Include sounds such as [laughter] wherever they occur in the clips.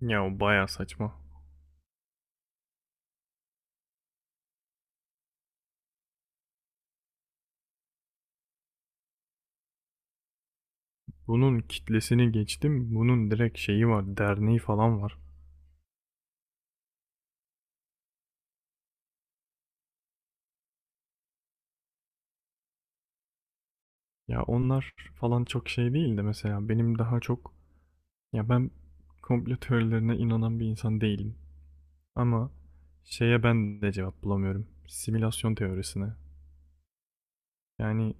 Ya o baya saçma. Bunun kitlesini geçtim. Bunun direkt şeyi var. Derneği falan var. Ya onlar falan çok şey değil de mesela benim daha çok, ya ben, komplo teorilerine inanan bir insan değilim. Ama şeye ben de cevap bulamıyorum. Simülasyon teorisine. Yani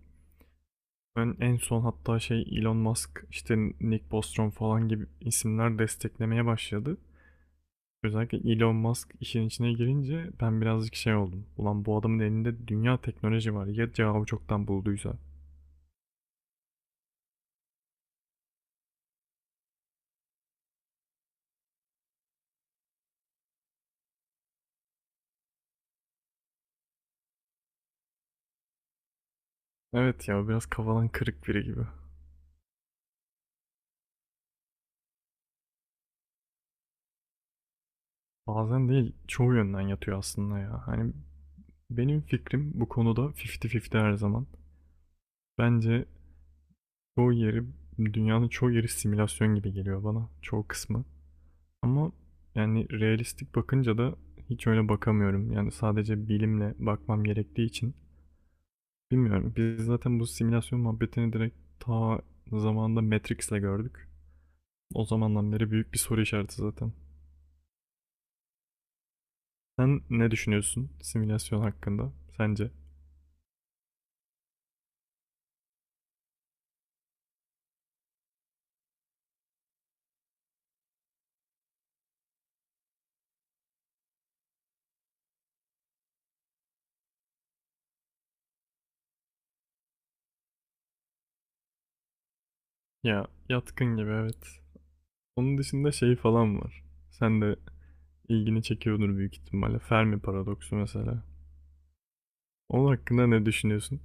ben en son hatta şey Elon Musk işte Nick Bostrom falan gibi isimler desteklemeye başladı. Özellikle Elon Musk işin içine girince ben birazcık şey oldum. Ulan bu adamın elinde dünya teknoloji var. Ya cevabı çoktan bulduysa. Evet ya biraz kafadan kırık biri gibi. Bazen değil çoğu yönden yatıyor aslında ya. Hani benim fikrim bu konuda 50-50 her zaman. Bence çoğu yeri, dünyanın çoğu yeri simülasyon gibi geliyor bana. Çoğu kısmı. Ama yani realistik bakınca da hiç öyle bakamıyorum. Yani sadece bilimle bakmam gerektiği için bilmiyorum. Biz zaten bu simülasyon muhabbetini direkt ta zamanında Matrix'le gördük. O zamandan beri büyük bir soru işareti zaten. Sen ne düşünüyorsun simülasyon hakkında? Sence? Ya yatkın gibi evet. Onun dışında şey falan var. Sen de ilgini çekiyordur büyük ihtimalle. Fermi paradoksu mesela. Onun hakkında ne düşünüyorsun?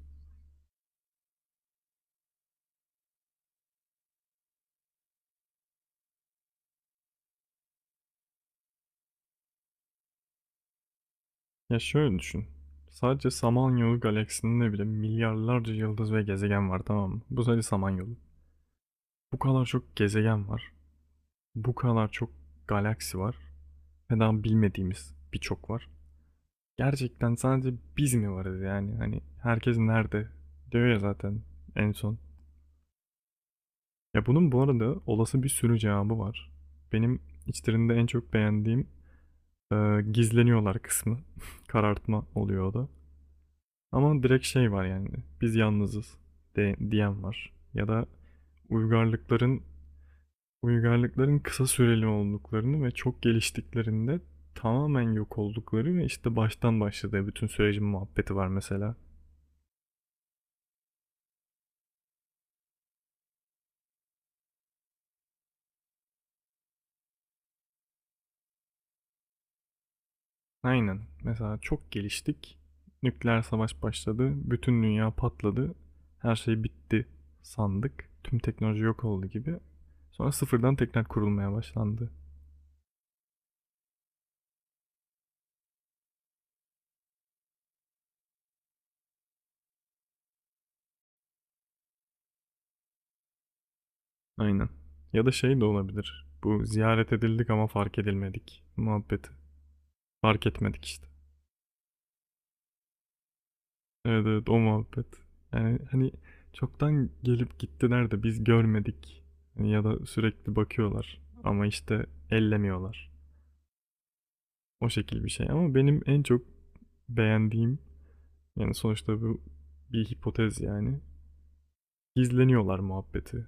Ya şöyle düşün. Sadece Samanyolu galaksisinde bile milyarlarca yıldız ve gezegen var, tamam mı? Bu sadece Samanyolu. Bu kadar çok gezegen var. Bu kadar çok galaksi var. Ve daha bilmediğimiz birçok var. Gerçekten sadece biz mi varız yani? Hani herkes nerede? Diyor ya zaten en son. Ya bunun bu arada olası bir sürü cevabı var. Benim içlerinde en çok beğendiğim, e, gizleniyorlar kısmı. [laughs] Karartma oluyor o da. Ama direkt şey var yani biz yalnızız diyen var. Ya da uygarlıkların, uygarlıkların kısa süreli olduklarını ve çok geliştiklerinde tamamen yok oldukları ve işte baştan başladığı bütün sürecin muhabbeti var mesela. Aynen. Mesela çok geliştik. Nükleer savaş başladı. Bütün dünya patladı. Her şey bitti sandık. Tüm teknoloji yok oldu gibi. Sonra sıfırdan tekrar kurulmaya başlandı. Aynen. Ya da şey de olabilir. Bu ziyaret edildik ama fark edilmedik muhabbeti. Fark etmedik işte. Evet, evet, o muhabbet. Yani hani çoktan gelip gittiler de biz görmedik. Hani ya da sürekli bakıyorlar ama işte ellemiyorlar. O şekil bir şey ama benim en çok beğendiğim, yani sonuçta bu bir hipotez yani. Gizleniyorlar muhabbeti.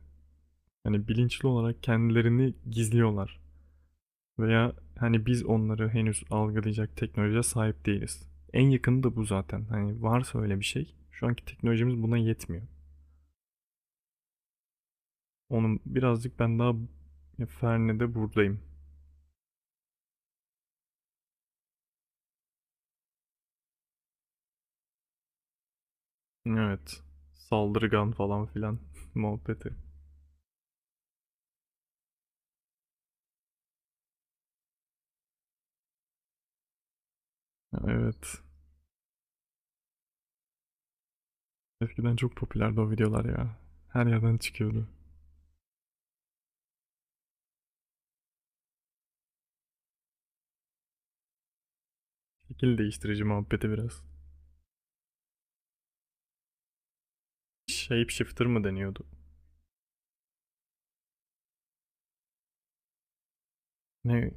Hani bilinçli olarak kendilerini gizliyorlar. Veya hani biz onları henüz algılayacak teknolojiye sahip değiliz. En yakını da bu zaten. Hani varsa öyle bir şey. Şu anki teknolojimiz buna yetmiyor. Onun birazcık ben daha Ferne'de buradayım. Evet. Saldırgan falan filan [laughs] muhabbeti. Evet. Eskiden çok popülerdi o videolar ya. Her yerden çıkıyordu. Şekil değiştirici muhabbeti biraz. Shapeshifter mı deniyordu? Ne?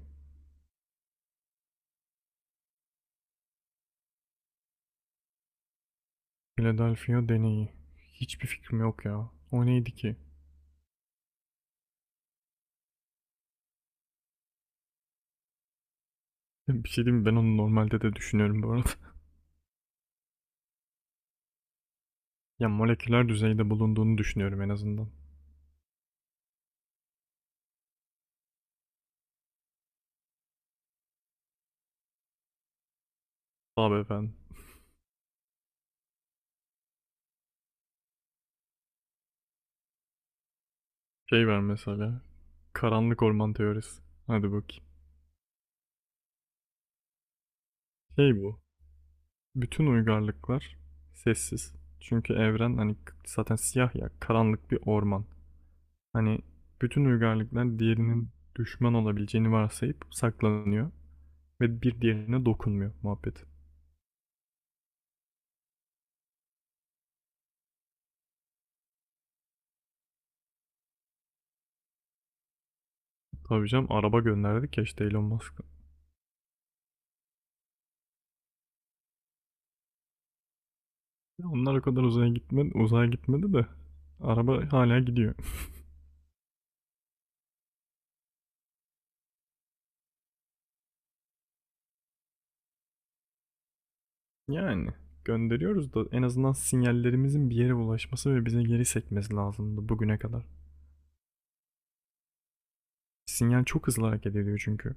Philadelphia deneyi. Hiçbir fikrim yok ya. O neydi ki? Bir şey diyeyim mi? Ben onu normalde de düşünüyorum bu arada. [laughs] Ya moleküler düzeyde bulunduğunu düşünüyorum en azından. Abi efendim. Şey ver mesela. Karanlık orman teorisi. Hadi bakayım. Şey bu. Bütün uygarlıklar sessiz. Çünkü evren hani zaten siyah ya, karanlık bir orman. Hani bütün uygarlıklar diğerinin düşman olabileceğini varsayıp saklanıyor ve bir diğerine dokunmuyor muhabbet. Tabii canım araba gönderdik ya işte Elon Musk'a. Ya onlar o kadar uzaya gitmedi, de araba hala gidiyor. [laughs] Yani gönderiyoruz da en azından sinyallerimizin bir yere ulaşması ve bize geri sekmesi lazımdı bugüne kadar. Sinyal çok hızlı hareket ediyor çünkü.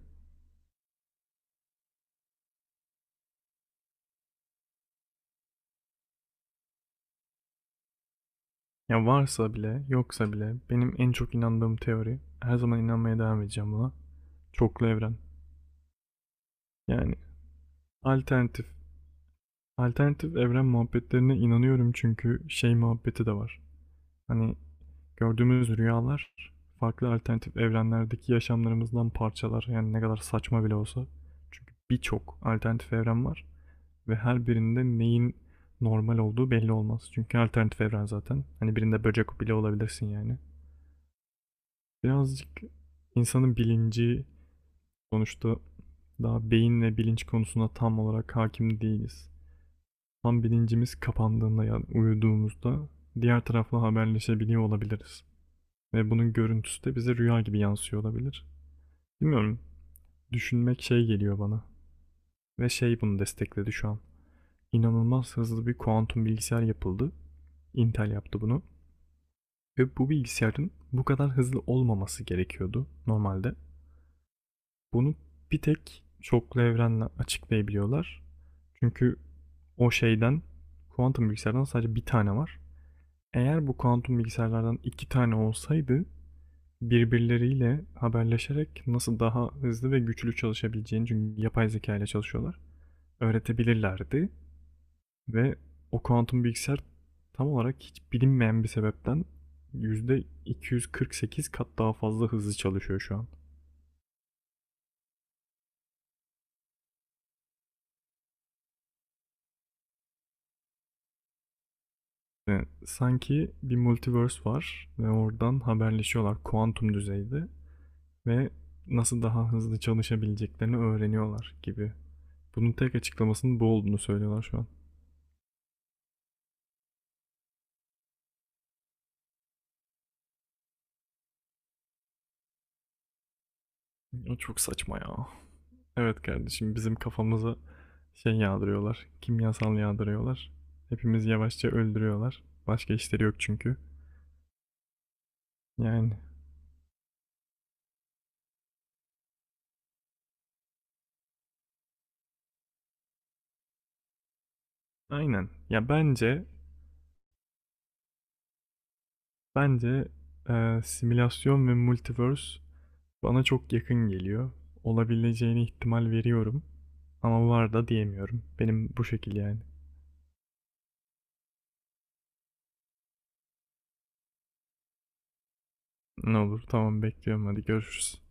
Ya varsa bile, yoksa bile benim en çok inandığım teori, her zaman inanmaya devam edeceğim buna. Çoklu evren. Yani alternatif. Alternatif evren muhabbetlerine inanıyorum çünkü şey muhabbeti de var. Hani gördüğümüz rüyalar farklı alternatif evrenlerdeki yaşamlarımızdan parçalar. Yani ne kadar saçma bile olsa. Çünkü birçok alternatif evren var ve her birinde neyin normal olduğu belli olmaz. Çünkü alternatif evren zaten. Hani birinde böcek bile olabilirsin yani. Birazcık insanın bilinci sonuçta daha beyinle bilinç konusuna tam olarak hakim değiliz. Tam bilincimiz kapandığında yani uyuduğumuzda diğer tarafla haberleşebiliyor olabiliriz. Ve bunun görüntüsü de bize rüya gibi yansıyor olabilir. Bilmiyorum, düşünmek şey geliyor bana. Ve şey bunu destekledi şu an. İnanılmaz hızlı bir kuantum bilgisayar yapıldı. Intel yaptı bunu. Ve bu bilgisayarın bu kadar hızlı olmaması gerekiyordu normalde. Bunu bir tek çoklu evrenle açıklayabiliyorlar. Çünkü o şeyden kuantum bilgisayardan sadece bir tane var. Eğer bu kuantum bilgisayarlardan iki tane olsaydı birbirleriyle haberleşerek nasıl daha hızlı ve güçlü çalışabileceğini, çünkü yapay zeka ile çalışıyorlar, öğretebilirlerdi ve o kuantum bilgisayar tam olarak hiç bilinmeyen bir sebepten %248 kat daha fazla hızlı çalışıyor şu an. Yani sanki bir multiverse var ve oradan haberleşiyorlar kuantum düzeyde ve nasıl daha hızlı çalışabileceklerini öğreniyorlar gibi. Bunun tek açıklamasının bu olduğunu söylüyorlar şu an. O çok saçma ya. Evet kardeşim bizim kafamıza şey yağdırıyorlar. Kimyasal yağdırıyorlar. Hepimiz yavaşça öldürüyorlar. Başka işleri yok çünkü. Yani aynen. Ya bence, bence simülasyon ve multiverse bana çok yakın geliyor. Olabileceğine ihtimal veriyorum. Ama var da diyemiyorum. Benim bu şekil yani. Ne olur tamam bekliyorum, hadi görüşürüz.